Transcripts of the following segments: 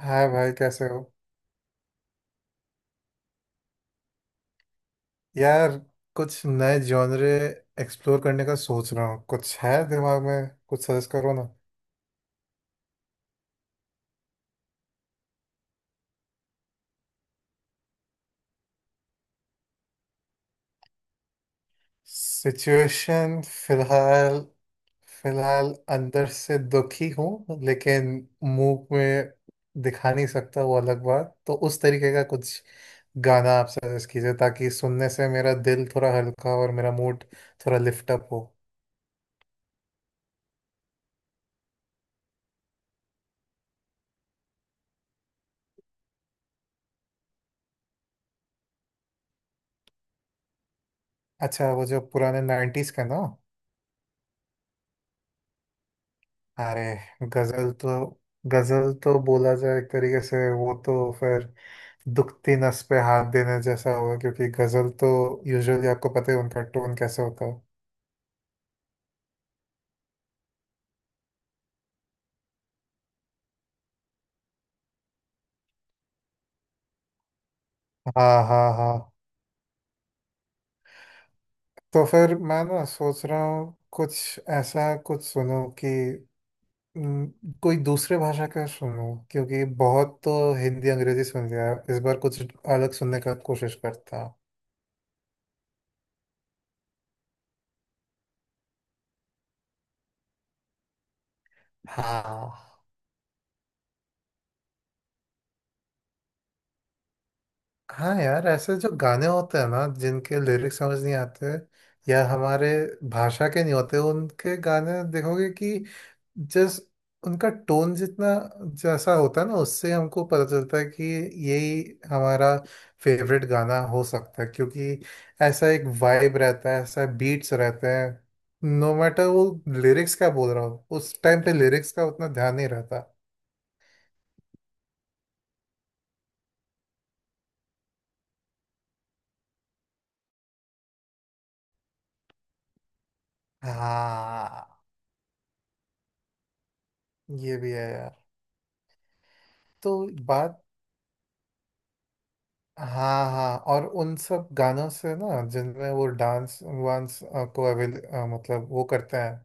हाय भाई, कैसे हो? यार, कुछ नए जॉनरे एक्सप्लोर करने का सोच रहा हूँ। कुछ है दिमाग में? कुछ सजेस्ट करो ना। सिचुएशन फिलहाल, फिलहाल अंदर से दुखी हूँ, लेकिन मुंह में दिखा नहीं सकता, वो अलग बात। तो उस तरीके का कुछ गाना आप सजेस्ट कीजिए, ताकि सुनने से मेरा दिल थोड़ा हल्का और मेरा मूड थोड़ा लिफ्ट अप हो। अच्छा, वो जो पुराने नाइन्टीज का ना। अरे, गजल तो, गजल तो बोला जाए एक तरीके से, वो तो फिर दुखती नस पे हाथ देने जैसा होगा, क्योंकि गजल तो यूजुअली आपको पता है उनका टोन कैसे होता है। हाँ, हाँ, हाँ। तो फिर मैं ना सोच रहा हूँ कुछ ऐसा कुछ सुनूं कि हम्म, कोई दूसरे भाषा का सुनूं, क्योंकि बहुत तो हिंदी अंग्रेजी सुन लिया है। इस बार कुछ अलग सुनने का कोशिश करता हूँ। हाँ। हाँ यार, ऐसे जो गाने होते हैं ना जिनके लिरिक्स समझ नहीं आते या हमारे भाषा के नहीं होते, उनके गाने देखोगे कि जिस उनका टोन जितना जैसा होता है ना, उससे हमको पता चलता है कि यही हमारा फेवरेट गाना हो सकता है, क्योंकि ऐसा एक वाइब रहता है, ऐसा बीट्स रहते हैं। नो मैटर वो लिरिक्स क्या बोल रहा हो, उस टाइम पे लिरिक्स का उतना ध्यान नहीं रहता। हाँ, ये भी है यार। तो बात, हाँ हाँ, और उन सब गानों से ना जिनमें वो डांस वांस को अवेल मतलब वो करते हैं,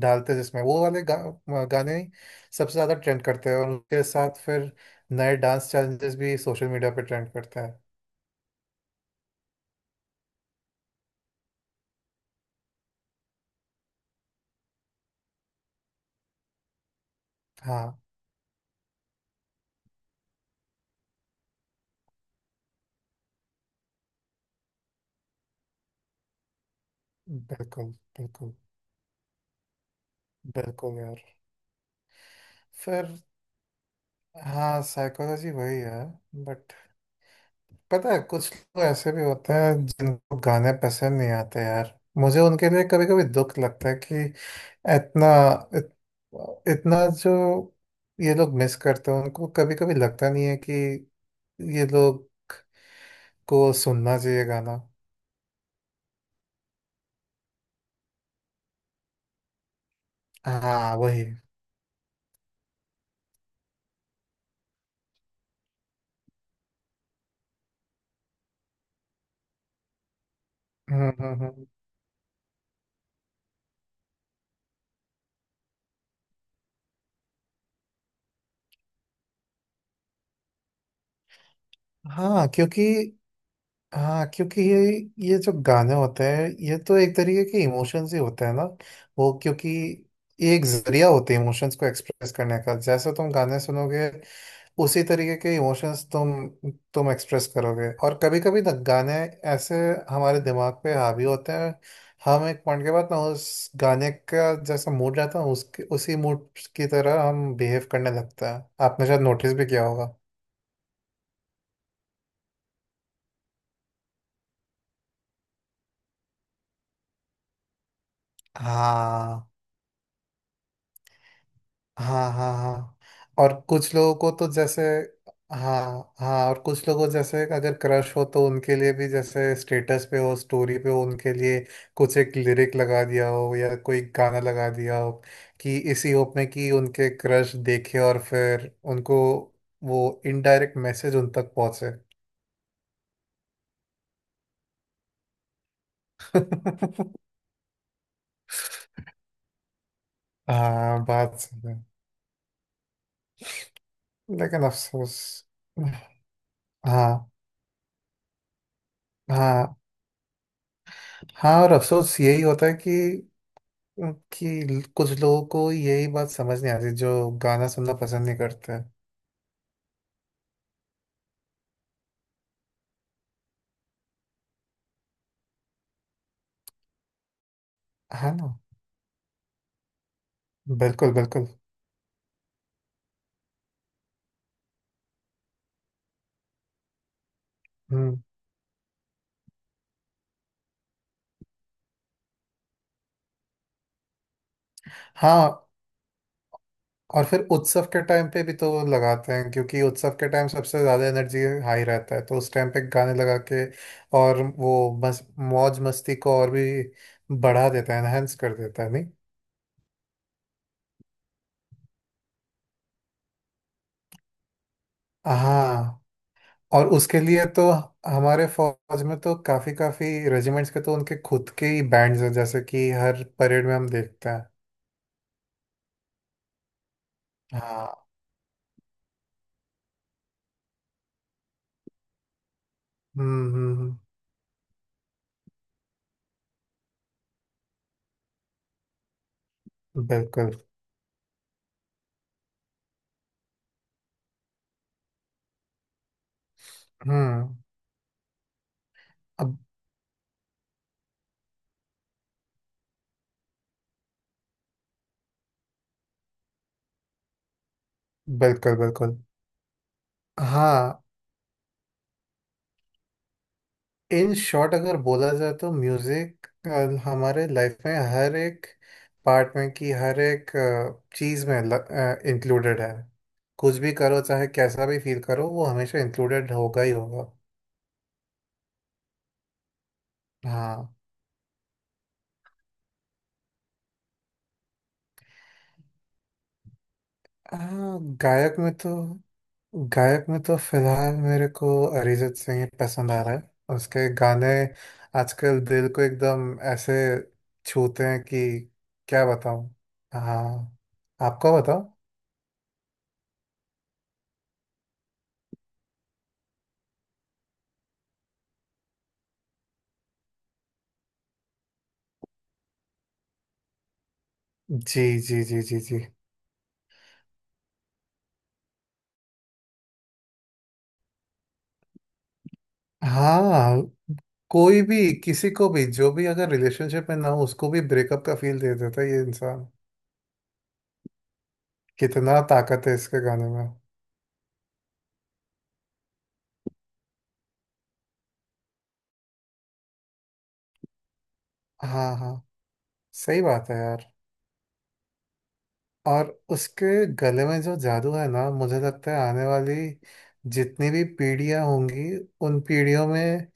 डालते हैं जिसमें वो वाले गाने ही सबसे ज़्यादा ट्रेंड करते हैं, और उनके साथ फिर नए डांस चैलेंजेस भी सोशल मीडिया पे ट्रेंड करते हैं। हाँ, बिल्कुल, बिल्कुल। बिल्कुल यार। फिर हाँ, साइकोलॉजी वही है। बट पता है, कुछ लोग ऐसे भी होते हैं जिनको गाने पसंद नहीं आते यार, मुझे उनके लिए कभी कभी दुख लगता है कि इतना, इत, इतना जो ये लोग मिस करते हैं, उनको कभी कभी लगता नहीं है कि ये लोग को सुनना चाहिए गाना। हाँ वही। हम्म हम्म हम्म। हाँ, क्योंकि हाँ क्योंकि ये जो गाने होते हैं ये तो एक तरीके के इमोशंस ही होते हैं ना। वो क्योंकि ये एक जरिया होते हैं इमोशंस को एक्सप्रेस करने का। जैसे तुम गाने सुनोगे उसी तरीके के इमोशंस तुम एक्सप्रेस करोगे। और कभी कभी ना गाने ऐसे हमारे दिमाग पे हावी होते हैं। हम एक पॉइंट के बाद ना उस गाने का जैसा मूड रहता है, उसके उसी मूड की तरह हम बिहेव करने लगता है। आपने शायद नोटिस भी किया होगा। हाँ हाँ। हाँ हाँ, और कुछ लोगों को तो जैसे, हाँ हाँ, और कुछ लोगों जैसे अगर क्रश हो तो उनके लिए भी, जैसे स्टेटस पे हो स्टोरी पे हो, उनके लिए कुछ एक लिरिक लगा दिया हो या कोई गाना लगा दिया हो, कि इसी होप में कि उनके क्रश देखे और फिर उनको वो इनडायरेक्ट मैसेज उन तक पहुंचे। हाँ, बात सही है। लेकिन अफसोस, हाँ हाँ हाँ, और अफसोस यही होता है कि क्योंकि कुछ लोगों को यही बात समझ नहीं आती, जो गाना सुनना पसंद नहीं करते हैं। है ना। बिल्कुल, बिल्कुल। हम्म। हाँ, और फिर उत्सव के टाइम पे भी तो लगाते हैं, क्योंकि उत्सव के टाइम सबसे ज़्यादा एनर्जी हाई रहता है, तो उस टाइम पे गाने लगा के और वो मौज मस्ती को और भी बढ़ा देता है, एनहेंस कर देता है नहीं। हाँ, और उसके लिए तो हमारे फौज में तो काफ़ी काफ़ी रेजिमेंट्स के तो उनके खुद के ही बैंड्स हैं, जैसे कि हर परेड में हम देखते हैं। हाँ। हम्म हम्म, हम्म, बिल्कुल। हम्म। अब बिल्कुल, बिल्कुल। हाँ। इन शॉर्ट अगर बोला जाए तो म्यूजिक हमारे लाइफ में हर एक पार्ट में की हर एक चीज में इंक्लूडेड है। कुछ भी करो, चाहे कैसा भी फील करो, वो हमेशा इंक्लूडेड होगा ही होगा। हाँ। हाँ, गायक में तो, गायक में तो फिलहाल मेरे को अरिजीत सिंह ही पसंद आ रहा है। उसके गाने आजकल दिल को एकदम ऐसे छूते हैं कि क्या बताऊं। हाँ, आपको बताओ। जी जी जी जी जी। हाँ, कोई भी किसी को भी, जो भी अगर रिलेशनशिप में ना हो उसको भी ब्रेकअप का फील दे देता है ये इंसान। कितना ताकत है इसके गाने में। हाँ हाँ, सही बात है यार। और उसके गले में जो जादू है ना, मुझे लगता है आने वाली जितनी भी पीढ़ियां होंगी उन पीढ़ियों में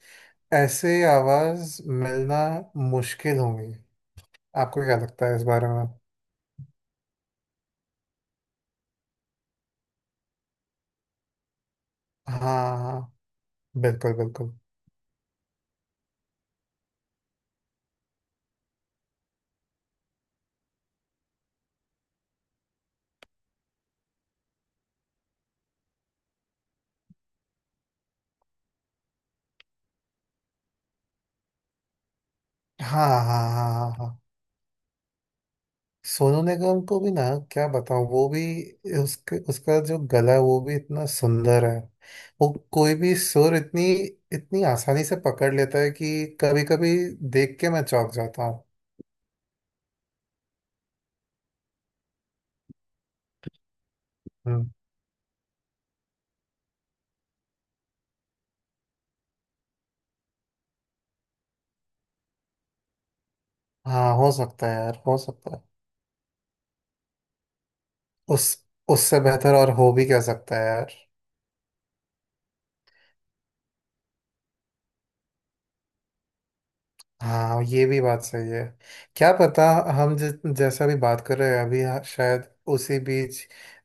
ऐसे आवाज मिलना मुश्किल होंगी। आपको क्या लगता है इस बारे में? हाँ हाँ, बिल्कुल बिल्कुल। हाँ हाँ हाँ हाँ हाँ। सोनू निगम को भी ना क्या बताऊँ, वो भी, उसके उसका जो गला है वो भी इतना सुंदर है। वो कोई भी सुर इतनी, इतनी आसानी से पकड़ लेता है कि कभी कभी देख के मैं चौंक जाता हूँ। हम्म। हाँ, हो सकता है यार, हो सकता है। उस, उससे बेहतर और हो भी क्या सकता है यार। हाँ, ये भी बात सही है। क्या पता, हम जि, जैसा भी बात कर रहे हैं अभी, हाँ, शायद उसी बीच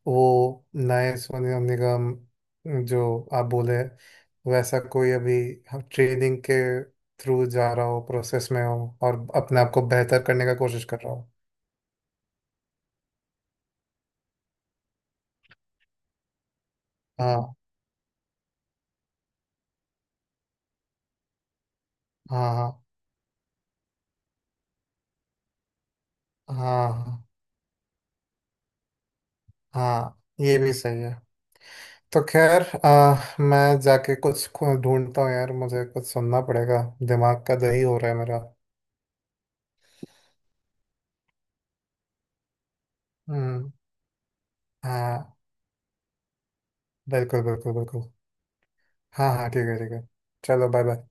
वो नए सोनू निगम जो आप बोले वैसा कोई अभी ट्रेनिंग के थ्रू जा रहा हो, प्रोसेस में हो और अपने आप को बेहतर करने का कोशिश कर रहा हो। हाँ हाँ हाँ हाँ हाँ, ये भी सही है। तो खैर मैं जाके कुछ ढूंढता हूँ यार, मुझे कुछ सुनना पड़ेगा। दिमाग का दही हो रहा है मेरा। हम्म। हाँ, बिल्कुल बिल्कुल बिल्कुल। हाँ हाँ, ठीक है, ठीक है। चलो, बाय बाय।